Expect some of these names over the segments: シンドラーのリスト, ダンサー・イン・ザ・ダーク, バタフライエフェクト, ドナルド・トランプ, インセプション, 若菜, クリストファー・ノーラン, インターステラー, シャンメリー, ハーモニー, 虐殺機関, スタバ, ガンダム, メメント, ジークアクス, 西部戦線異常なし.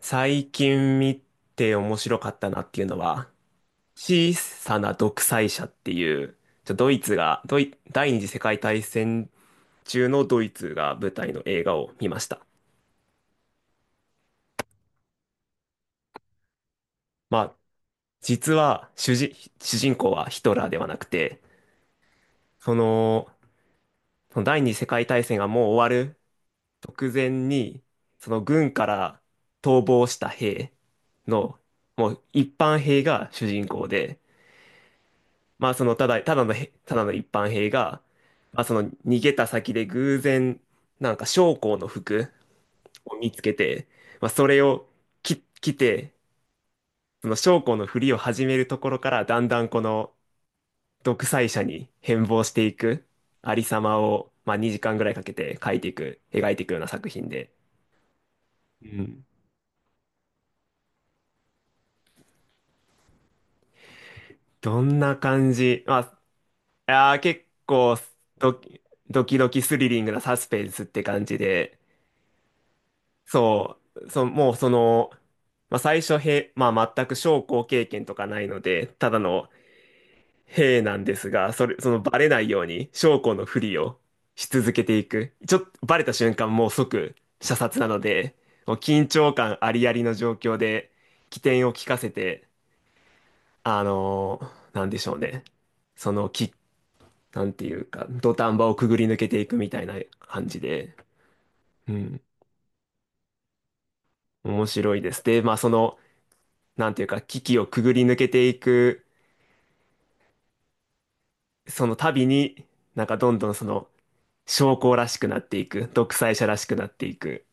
最近見て面白かったなっていうのは、小さな独裁者っていう、ちょドイツが、ドイ、第二次世界大戦中のドイツが舞台の映画を見ました。まあ、実は主人、主人公はヒトラーではなくて、その、その第二次世界大戦がもう終わる直前に、その軍から逃亡した兵の、もう一般兵が主人公で、まあただの一般兵が、まあその逃げた先で偶然、なんか将校の服を見つけて、まあそれを着て、その将校のふりを始めるところから、だんだんこの独裁者に変貌していく、ありさまを、まあ2時間ぐらいかけて描いていくような作品で。うん。どんな感じ。まあ、結構ドキ、ドキドキスリリングなサスペンスって感じで、そう、もうその、まあ、最初へ、まあ、全く将校経験とかないので、ただの兵なんですが、そのバレないように将校のふりをし続けていく。ちょっとバレた瞬間もう即射殺なので、もう緊張感ありありの状況で機転を利かせて、なんでしょうね。そのき、なんていうか、土壇場をくぐり抜けていくみたいな感じで、うん、面白いです。で、まあその、なんていうか、危機をくぐり抜けていく、その度に、なんかどんどんその、将校らしくなっていく、独裁者らしくなっていく、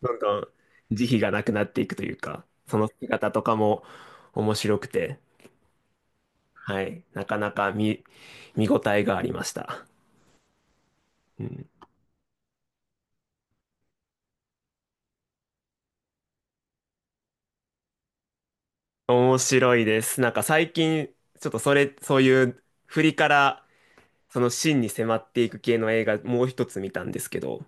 どんどん慈悲がなくなっていくというか、その姿とかも面白くて、はい、なかなか見応えがありました。うん、面白いです。なんか最近、ちょっとそういう振りから、その真に迫っていく系の映画、もう一つ見たんですけど、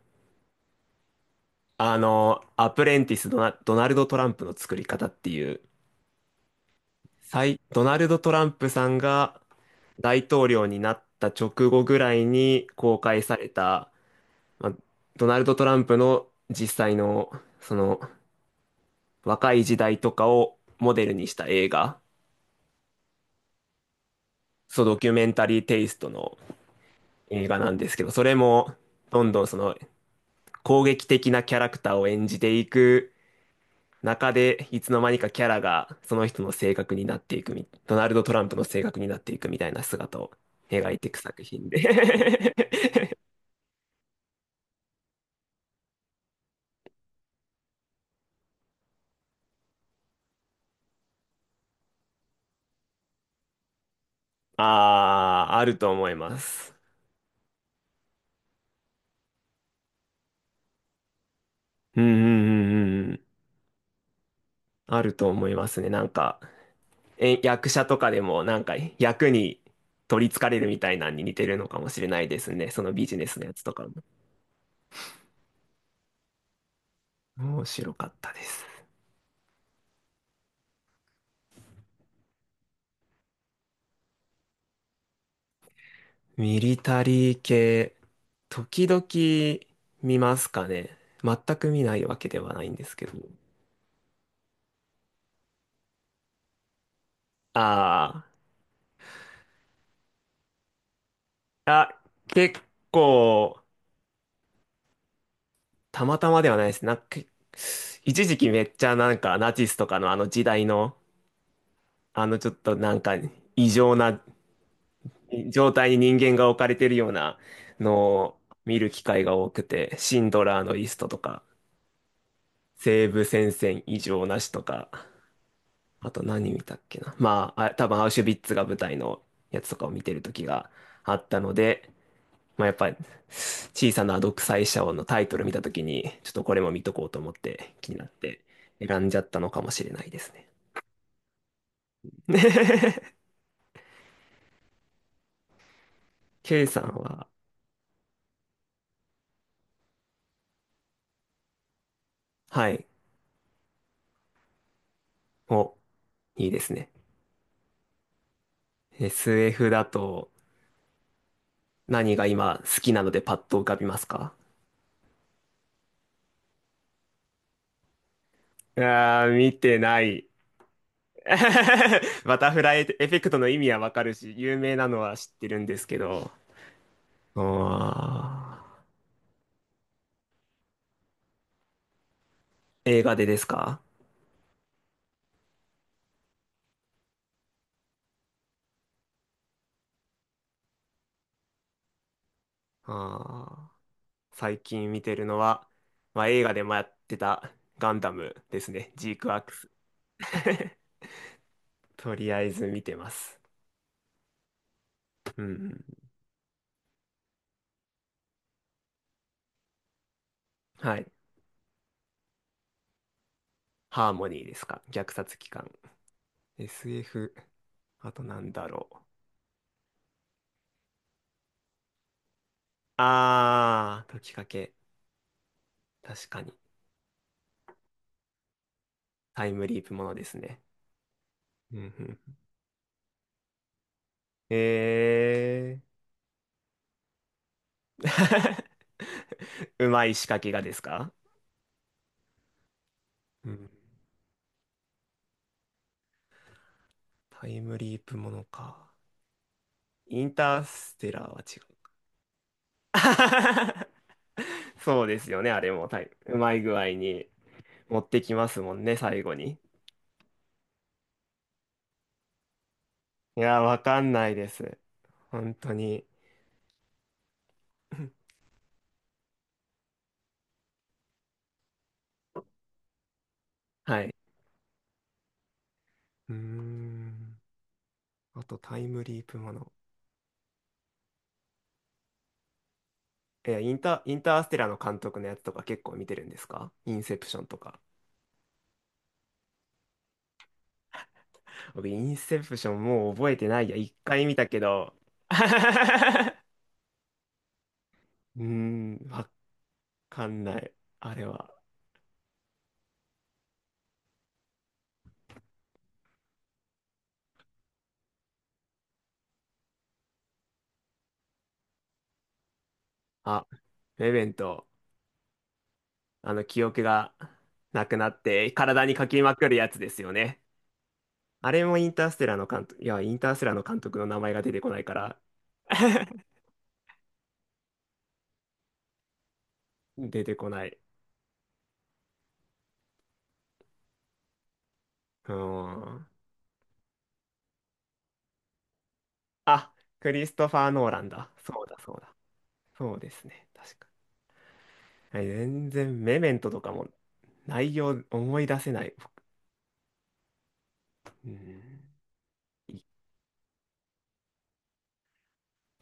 あの、アプレンティスドナ、ドナルド・トランプの作り方っていう、ドナルド・トランプさんが大統領になった直後ぐらいに公開された、まあ、ドナルド・トランプの実際の、その、若い時代とかをモデルにした映画、そう、ドキュメンタリーテイストの映画なんですけど、それも、どんどんその、攻撃的なキャラクターを演じていく中でいつの間にかキャラがその人の性格になっていくみ、ドナルド・トランプの性格になっていくみたいな姿を描いていく作品で。 ああ、あると思います。うんうんうんうんうん。あると思いますね。なんか、役者とかでもなんか役に取り憑かれるみたいなのに似てるのかもしれないですね。そのビジネスのやつとかも。面白かったです。ミリタリー系、時々見ますかね。全く見ないわけではないんですけど。ああ、結構、たまたまではないです。なんか、一時期めっちゃなんかナチスとかのあの時代の、あのちょっとなんか異常な状態に人間が置かれてるようなのを見る機会が多くて、シンドラーのリストとか、西部戦線異常なしとか、あと何見たっけな。まあ、多分アウシュビッツが舞台のやつとかを見てる時があったので、まあやっぱり小さな独裁者王のタイトル見た時に、ちょっとこれも見とこうと思って気になって選んじゃったのかもしれないですね。K さんは、はい、お、いいですね。SF だと何が今好きなのでパッと浮かびますか？あー、見てない。バタフライエフェクトの意味はわかるし、有名なのは知ってるんですけど、ああ、映画でですか？ああ、最近見てるのは、まあ、映画でもやってたガンダムですね。ジークアクス。とりあえず見てます。うんうん。はい。ハーモニーですか。虐殺機関。SF。あとなんだろう。ああ、解きかけ。確かに。タイムリープものですね。うんうん。ええー。うまい仕掛けがですか？うん、タイムリープものか。インターステラーは違う。そうですよね、あれもタイ、うまい具合に持ってきますもんね、最後に。いや、わかんないです。本当に。はい。うーん。あと、タイムリープもの。インターステラーの監督のやつとか結構見てるんですか？インセプションとか。僕、インセプションもう覚えてないや。一回見たけど。うーん、わかんない。あれは。あ、レベント、あの記憶がなくなって体に書きまくるやつですよね。あれもインターステラーの監督、いや、インターステラーの監督の名前が出てこないから。 出てこない。うーん。あ、クリストファー・ノーランだ。そうだ、そうだ。そうですね。確か。はい、全然、メメントとかも内容思い出せない。うん。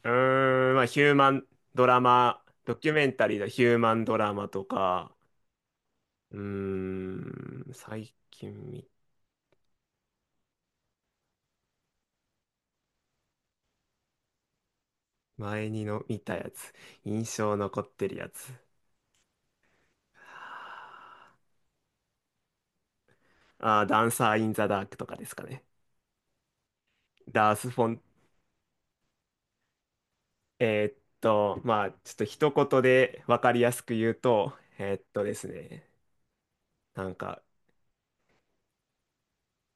うーん、まあ、ヒューマンドラマ、ドキュメンタリーのヒューマンドラマとか、うーん、最近見、前にの見たやつ。印象残ってるやつ。あー、ダンサー・イン・ザ・ダークとかですかね。ダース・フォン、まあ、ちょっと一言で分かりやすく言うと、ですね、なんか、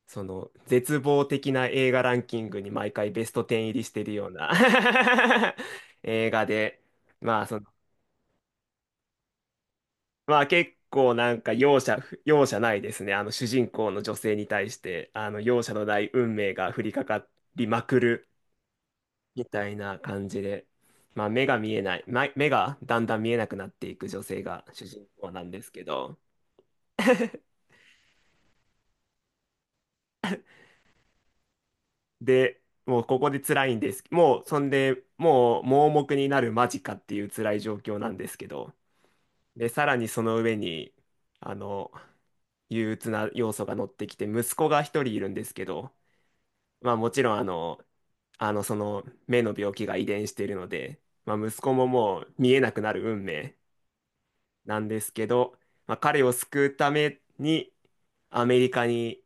その、絶望的な映画ランキングに毎回ベスト10入りしてるような 映画で、まあ、その、まあ結構なんか容赦ないですね。あの主人公の女性に対して、あの容赦のない運命が降りかかりまくるみたいな感じで、まあ目がだんだん見えなくなっていく女性が主人公なんですけど、で、もうここで辛いんです。もうそんで、もう盲目になる間近っていう辛い状況なんですけど、で、さらにその上に、あの、憂鬱な要素が乗ってきて、息子が一人いるんですけど、まあもちろんその目の病気が遺伝しているので、まあ、息子ももう見えなくなる運命なんですけど、まあ、彼を救うためにアメリカに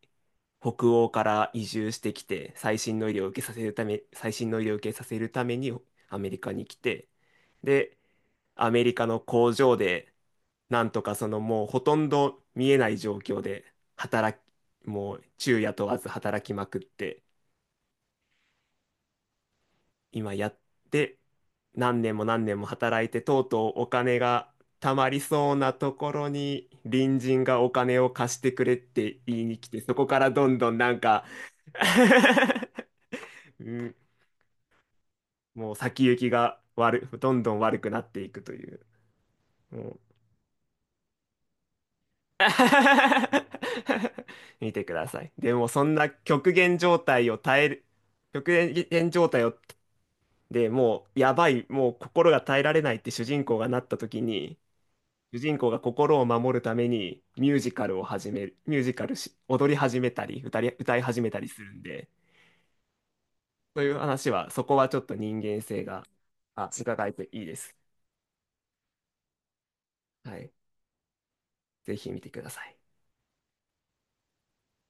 北欧から移住してきて、最新の医療を受けさせるためにアメリカに来て、で、アメリカの工場で、なんとかそのもうほとんど見えない状況で働き、もう昼夜問わず働きまくって、今やって何年も何年も働いてとうとうお金が貯まりそうなところに、隣人がお金を貸してくれって言いに来て、そこからどんどんなんか。 うん、もう先行きがどんどん悪くなっていくという、もう。 見てください。でもそんな極限状態を耐える極限状態を、でもうやばい、もう心が耐えられないって主人公がなった時に、主人公が心を守るためにミュージカルを始める、ミュージカルし、踊り始めたり、歌い始めたりするんで、そういう話は、そこはちょっと人間性が、伺えていいです。はい。ぜひ見てください。